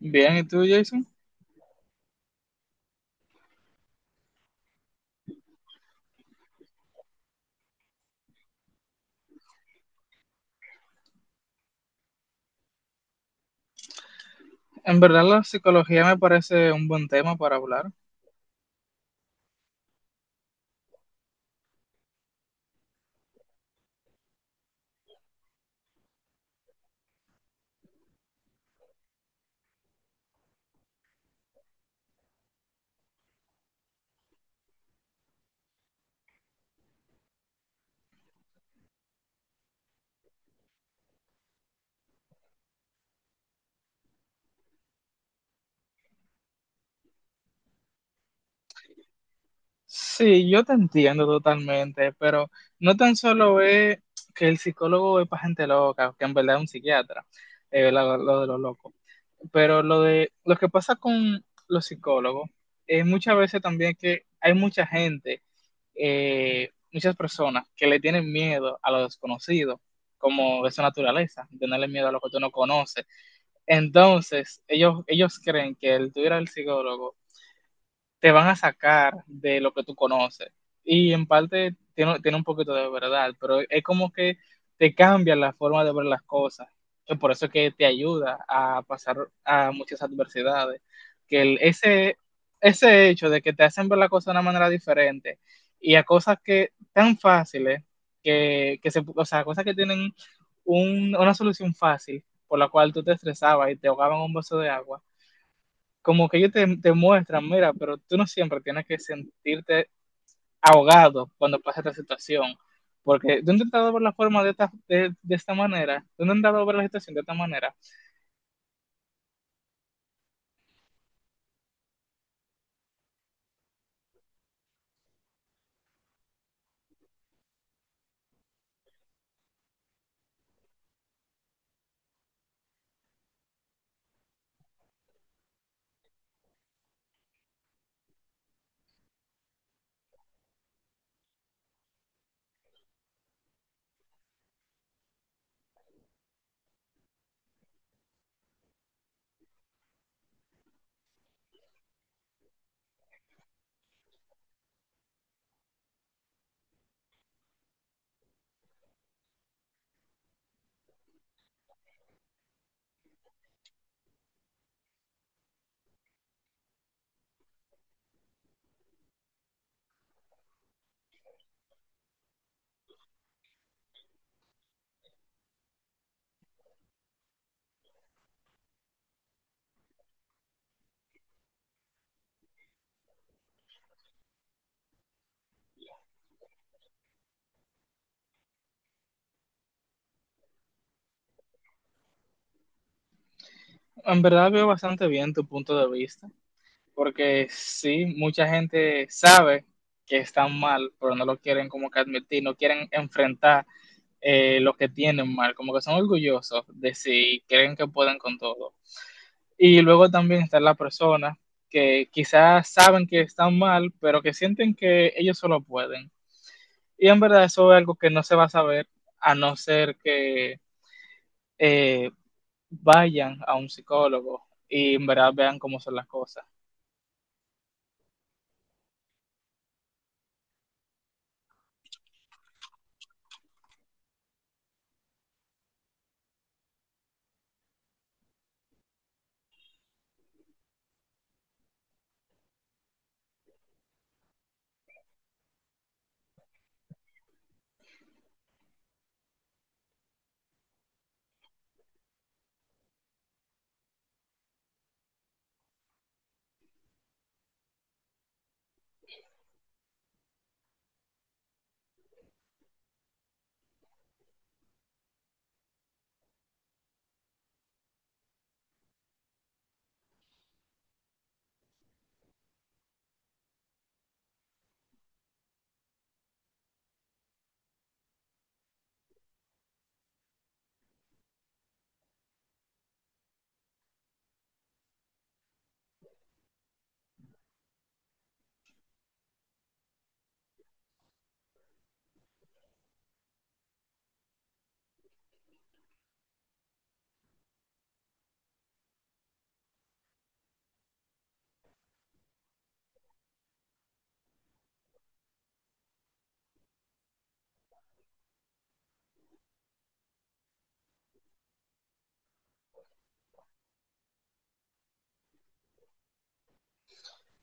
Bien, ¿y tú, Jason? En verdad, la psicología me parece un buen tema para hablar. Sí, yo te entiendo totalmente, pero no tan solo es que el psicólogo es para gente loca, que en verdad es un psiquiatra, lo de los locos. Pero lo de lo que pasa con los psicólogos es muchas veces también que hay mucha gente, muchas personas que le tienen miedo a lo desconocido, como de su naturaleza, tenerle miedo a lo que tú no conoces. Entonces, ellos creen que el tú ir al psicólogo te van a sacar de lo que tú conoces. Y en parte tiene un poquito de verdad, pero es como que te cambia la forma de ver las cosas. Y por eso es que te ayuda a pasar a muchas adversidades. Que ese hecho de que te hacen ver las cosas de una manera diferente y a cosas que tan fáciles, o sea, cosas que tienen una solución fácil por la cual tú te estresabas y te ahogaban un vaso de agua, como que ellos te muestran, mira, pero tú no siempre tienes que sentirte ahogado cuando pasa esta situación, porque tú has intentado ver la forma de de esta manera, tú has intentado ver la situación de esta manera. En verdad veo bastante bien tu punto de vista, porque sí, mucha gente sabe que están mal, pero no lo quieren como que admitir, no quieren enfrentar, lo que tienen mal, como que son orgullosos de si creen que pueden con todo. Y luego también están las personas que quizás saben que están mal, pero que sienten que ellos solo pueden. Y en verdad eso es algo que no se va a saber a no ser que eh, vayan a un psicólogo y en verdad vean cómo son las cosas.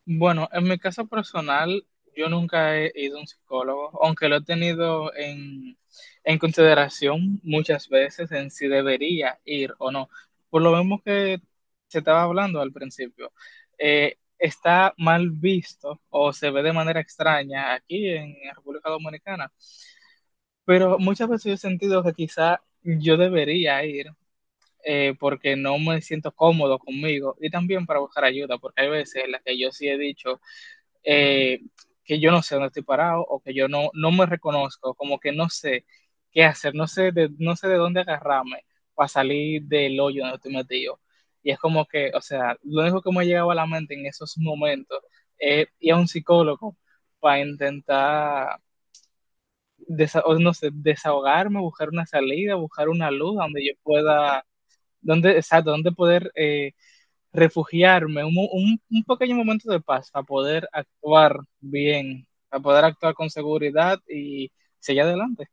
Bueno, en mi caso personal, yo nunca he ido a un psicólogo, aunque lo he tenido en consideración muchas veces en si debería ir o no. Por lo mismo que se estaba hablando al principio, está mal visto o se ve de manera extraña aquí en República Dominicana, pero muchas veces yo he sentido que quizá yo debería ir. Porque no me siento cómodo conmigo y también para buscar ayuda, porque hay veces en las que yo sí he dicho, eh, que yo no sé dónde estoy parado o que yo no me reconozco, como que no sé qué hacer, no sé de dónde agarrarme para salir del hoyo donde estoy metido. Y es como que, o sea, lo único que me llegaba a la mente en esos momentos es ir a un psicólogo para intentar, o no sé, desahogarme, buscar una salida, buscar una luz donde yo pueda, donde, exacto, donde poder refugiarme, un pequeño momento de paz para poder actuar bien, para poder actuar con seguridad y seguir adelante.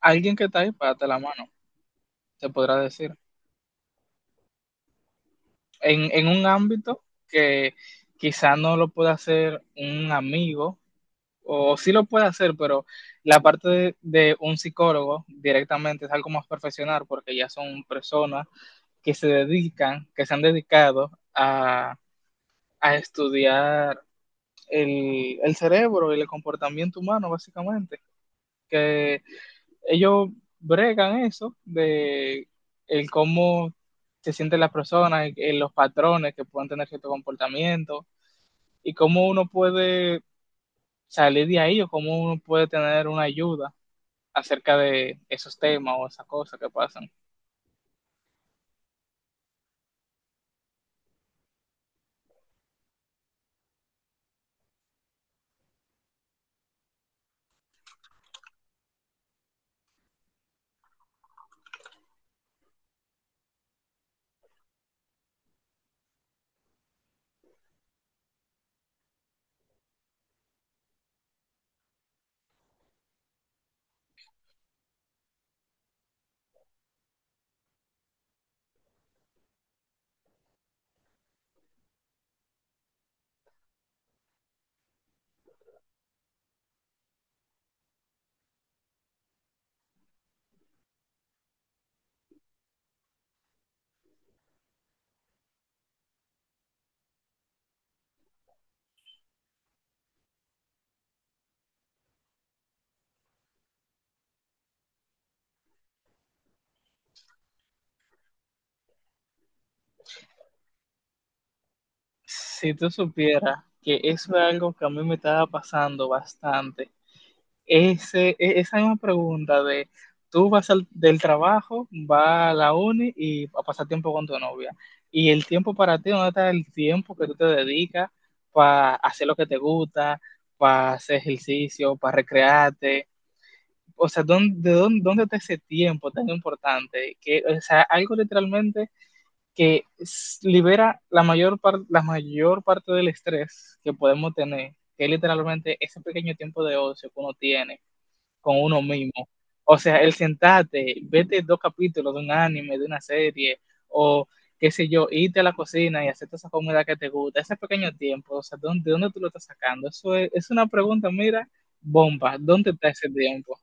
Alguien que está ahí para darte la mano, te podrá decir. En un ámbito que quizá no lo pueda hacer un amigo, o sí lo puede hacer, pero la parte de un psicólogo directamente es algo más profesional porque ya son personas que se dedican, que se han dedicado a estudiar el cerebro y el comportamiento humano, básicamente. Que ellos bregan eso de el cómo se sienten las personas, en los patrones que pueden tener cierto comportamiento y cómo uno puede salir de ahí o cómo uno puede tener una ayuda acerca de esos temas o esas cosas que pasan. Si tú supieras que eso es algo que a mí me estaba pasando bastante. Esa misma pregunta de tú vas del trabajo, vas a la uni y a pasar tiempo con tu novia. Y el tiempo para ti, ¿dónde está el tiempo que tú te dedicas para hacer lo que te gusta, para hacer ejercicio, para recrearte? O sea, ¿ dónde está ese tiempo tan importante? Que, o sea, algo literalmente que libera la mayor parte del estrés que podemos tener, que es literalmente ese pequeño tiempo de ocio que uno tiene con uno mismo. O sea, el sentarte, vete dos capítulos de un anime, de una serie, o qué sé yo, irte a la cocina y hacerte esa comida que te gusta, ese pequeño tiempo, o sea, ¿ de dónde tú lo estás sacando? Eso es una pregunta, mira, bomba, ¿dónde está ese tiempo?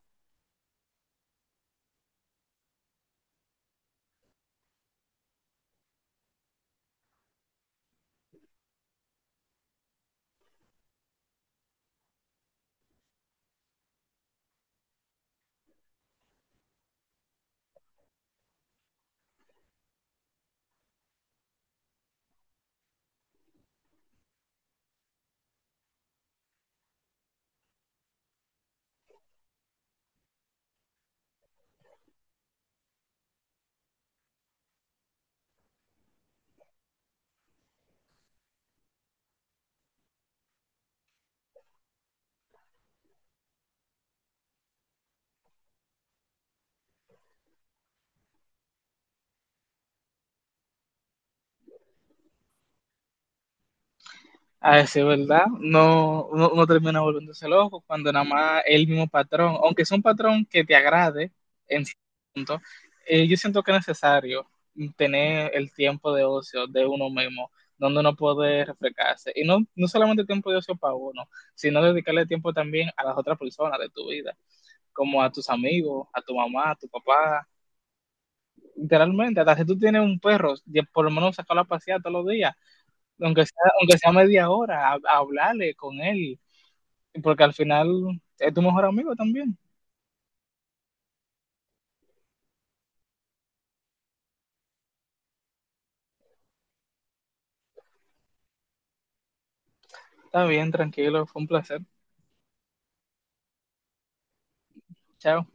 A decir verdad, no, uno termina volviéndose loco cuando nada más es el mismo patrón, aunque sea un patrón que te agrade en cierto punto, yo siento que es necesario tener el tiempo de ocio de uno mismo, donde uno puede refrescarse. Y no, no solamente tiempo de ocio para uno, sino dedicarle tiempo también a las otras personas de tu vida, como a tus amigos, a tu mamá, a tu papá. Literalmente, hasta si tú tienes un perro, ya por lo menos sacarlo a pasear todos los días, aunque sea media hora, a hablarle con él, porque al final es tu mejor amigo también. Está bien, tranquilo, fue un placer. Chao.